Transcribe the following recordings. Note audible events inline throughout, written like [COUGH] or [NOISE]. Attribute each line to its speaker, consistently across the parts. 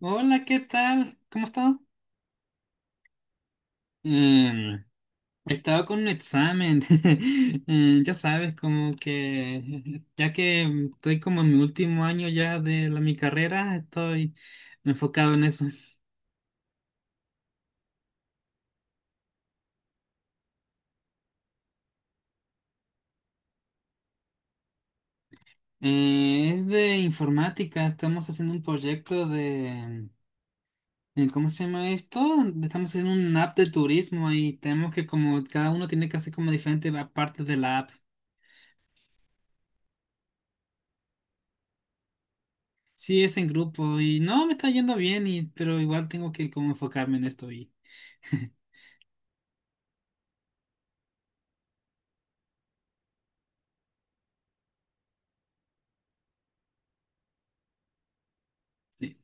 Speaker 1: Hola, ¿qué tal? ¿Cómo has estado? Em, He estado con un examen. [LAUGHS] Ya sabes, como que ya que estoy como en mi último año ya de mi carrera, estoy enfocado en eso. Es de informática, estamos haciendo un proyecto de. ¿Cómo se llama esto? Estamos haciendo un app de turismo y tenemos que como cada uno tiene que hacer como diferentes partes de la app. Sí, es en grupo y no, me está yendo bien, y, pero igual tengo que como enfocarme en esto y [LAUGHS] sí.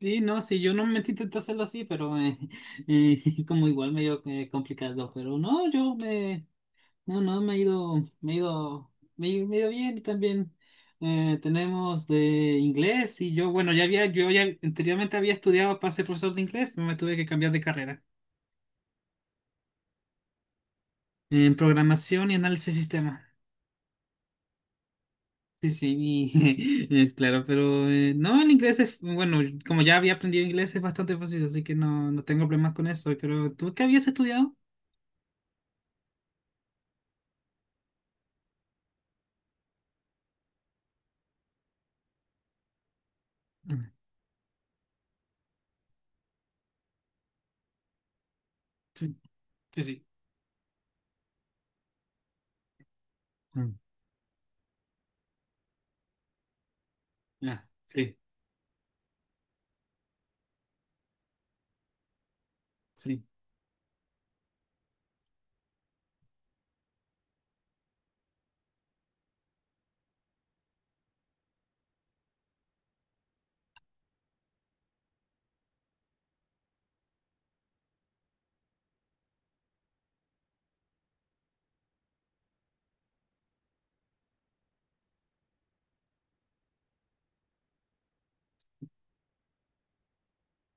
Speaker 1: Sí, no, sí, yo no me intento hacerlo así, pero [LAUGHS] como igual medio complicado, pero no, no, no, me ha ido bien y también tenemos de inglés y yo, bueno, yo ya anteriormente había estudiado para ser profesor de inglés, pero me tuve que cambiar de carrera en programación y análisis de sistemas. Sí, sí, [LAUGHS] es claro, pero no, el inglés bueno, como ya había aprendido inglés es bastante fácil, así que no, no tengo problemas con eso. Pero ¿tú qué habías estudiado? Ah, sí, sí, sí. Mm. Ah, sí, sí.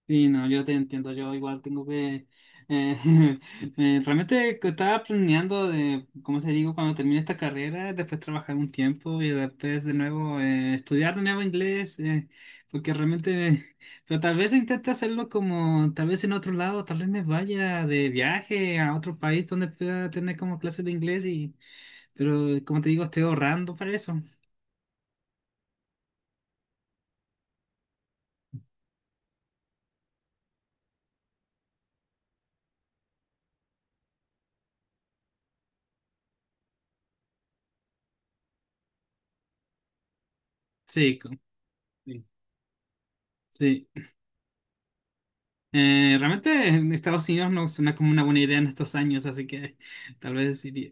Speaker 1: Sí, no, yo te entiendo, yo igual tengo que... eh, [LAUGHS] realmente que estaba planeando ¿cómo se digo? Cuando termine esta carrera, después trabajar un tiempo y después de nuevo estudiar de nuevo inglés, porque realmente, [LAUGHS] pero tal vez intente hacerlo como, tal vez en otro lado, tal vez me vaya de viaje a otro país donde pueda tener como clases de inglés y, pero como te digo, estoy ahorrando para eso. Sí, sí, sí. Realmente en Estados Unidos no suena como una buena idea en estos años, así que tal vez iría.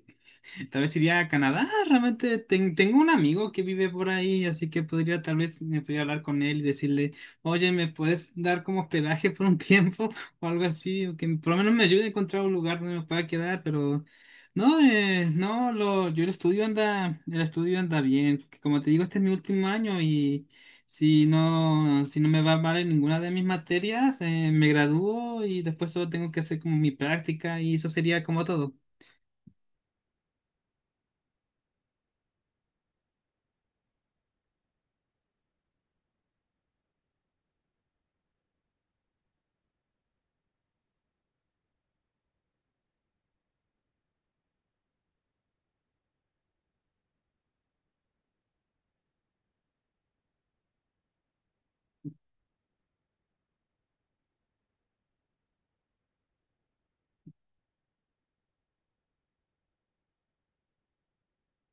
Speaker 1: Tal vez iría a Canadá. Realmente tengo un amigo que vive por ahí, así que podría tal vez me podría hablar con él y decirle, oye, ¿me puedes dar como hospedaje por un tiempo [LAUGHS] o algo así? O que por lo menos me ayude a encontrar un lugar donde me pueda quedar, pero no, yo el estudio anda bien. Porque Como te digo, este es mi último año y si no, si no me va mal en ninguna de mis materias, me gradúo y después solo tengo que hacer como mi práctica y eso sería como todo.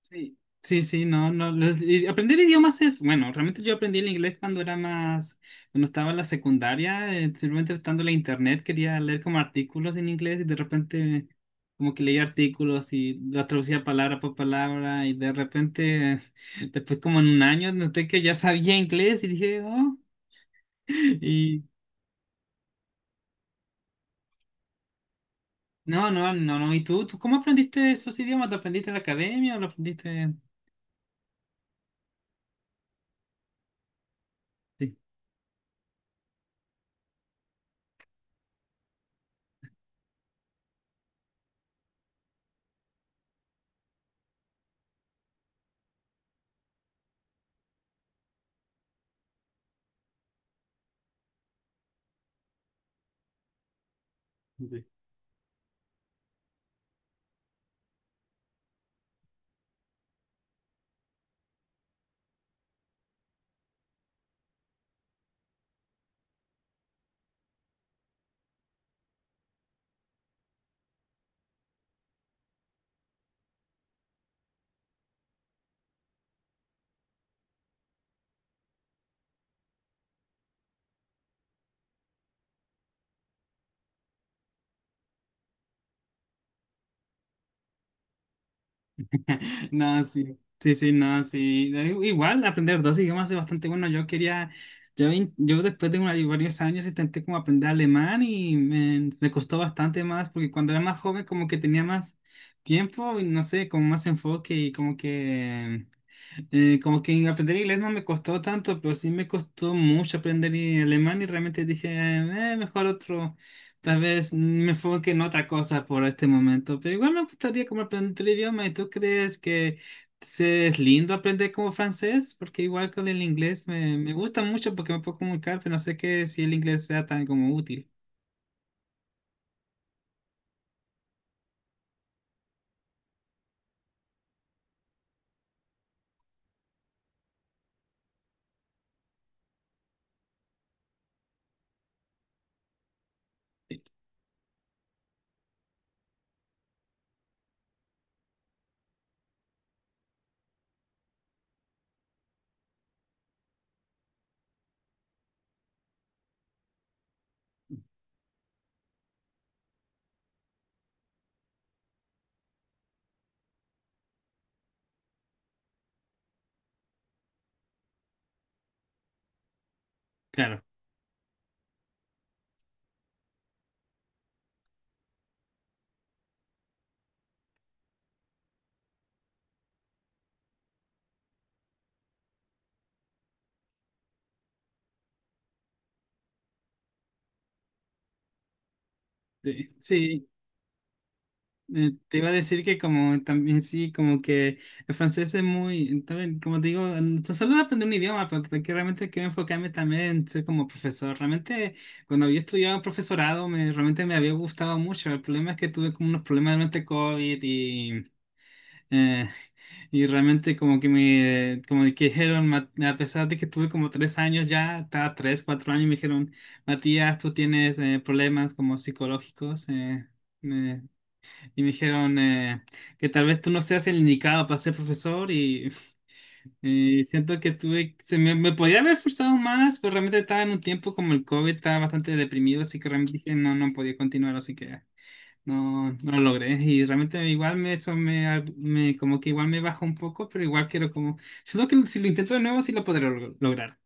Speaker 1: Sí, sí, sí, no, no. Y aprender idiomas es, bueno, realmente yo aprendí el inglés cuando estaba en la secundaria, simplemente estando en la internet, quería leer como artículos en inglés y de repente como que leía artículos y la traducía palabra por palabra y de repente, [LAUGHS] después como en un año, noté que ya sabía inglés y dije, oh, [LAUGHS] y no, no, no, no. ¿Y tú cómo aprendiste esos idiomas? ¿Lo aprendiste en la academia o lo aprendiste? Sí. Sí. [LAUGHS] No, sí, sí, sí, no, sí. Igual aprender dos idiomas es bastante bueno. Yo después de varios años intenté como aprender alemán y me costó bastante más porque cuando era más joven como que tenía más tiempo y no sé, como más enfoque y como que aprender inglés no me costó tanto, pero sí me costó mucho aprender alemán y realmente dije, mejor otro, tal vez me enfoque en otra cosa por este momento, pero igual me gustaría como aprender el idioma y tú crees que es lindo aprender como francés, porque igual con el inglés me gusta mucho porque me puedo comunicar, pero no sé qué si el inglés sea tan como útil. Claro. Sí, sí, te iba a decir que como también sí, como que el francés es muy, también, como te digo, solo aprender un idioma, pero que realmente quiero enfocarme también en ser como profesor. Realmente cuando había estudiado profesorado, realmente me había gustado mucho. El problema es que tuve como unos problemas durante COVID eh, y realmente como que como que dijeron, a pesar de que tuve como tres años ya, estaba tres, cuatro años, me dijeron, Matías, tú tienes problemas como psicológicos. Eh, y me dijeron que tal vez tú no seas el indicado para ser profesor y, [LAUGHS] y siento que me podía haber esforzado más, pero realmente estaba en un tiempo como el COVID, estaba bastante deprimido, así que realmente dije no, no podía continuar, así que no, no lo logré. Y realmente igual eso me, ar- me- como que igual me bajó un poco, pero igual quiero como, siento que si lo intento de nuevo sí lo podré lograr.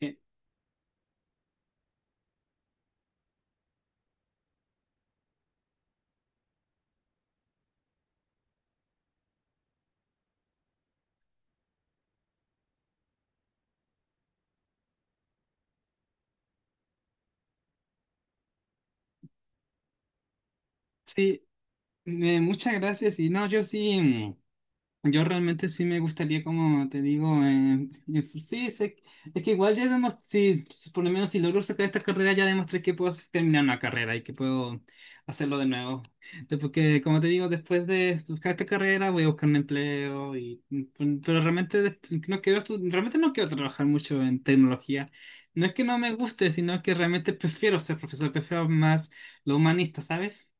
Speaker 1: Eh, Sí, muchas gracias y no, yo sí. Yo realmente sí me gustaría, como te digo, pues sí, es que igual ya demostré, si por lo menos si logro sacar esta carrera, ya demostré que puedo terminar una carrera y que puedo hacerlo de nuevo. Porque, como te digo, después de buscar esta carrera voy a buscar un empleo, y, pues, pero realmente no quiero, realmente no quiero trabajar mucho en tecnología. No es que no me guste, sino que realmente prefiero ser profesor, prefiero más lo humanista, ¿sabes?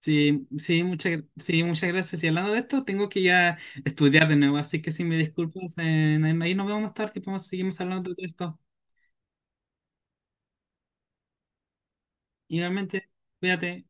Speaker 1: Sí, sí, sí, muchas gracias. Y hablando de esto, tengo que ya estudiar de nuevo, así que si me disculpas, ahí nos vemos más tarde y seguimos hablando de esto. Igualmente, cuídate.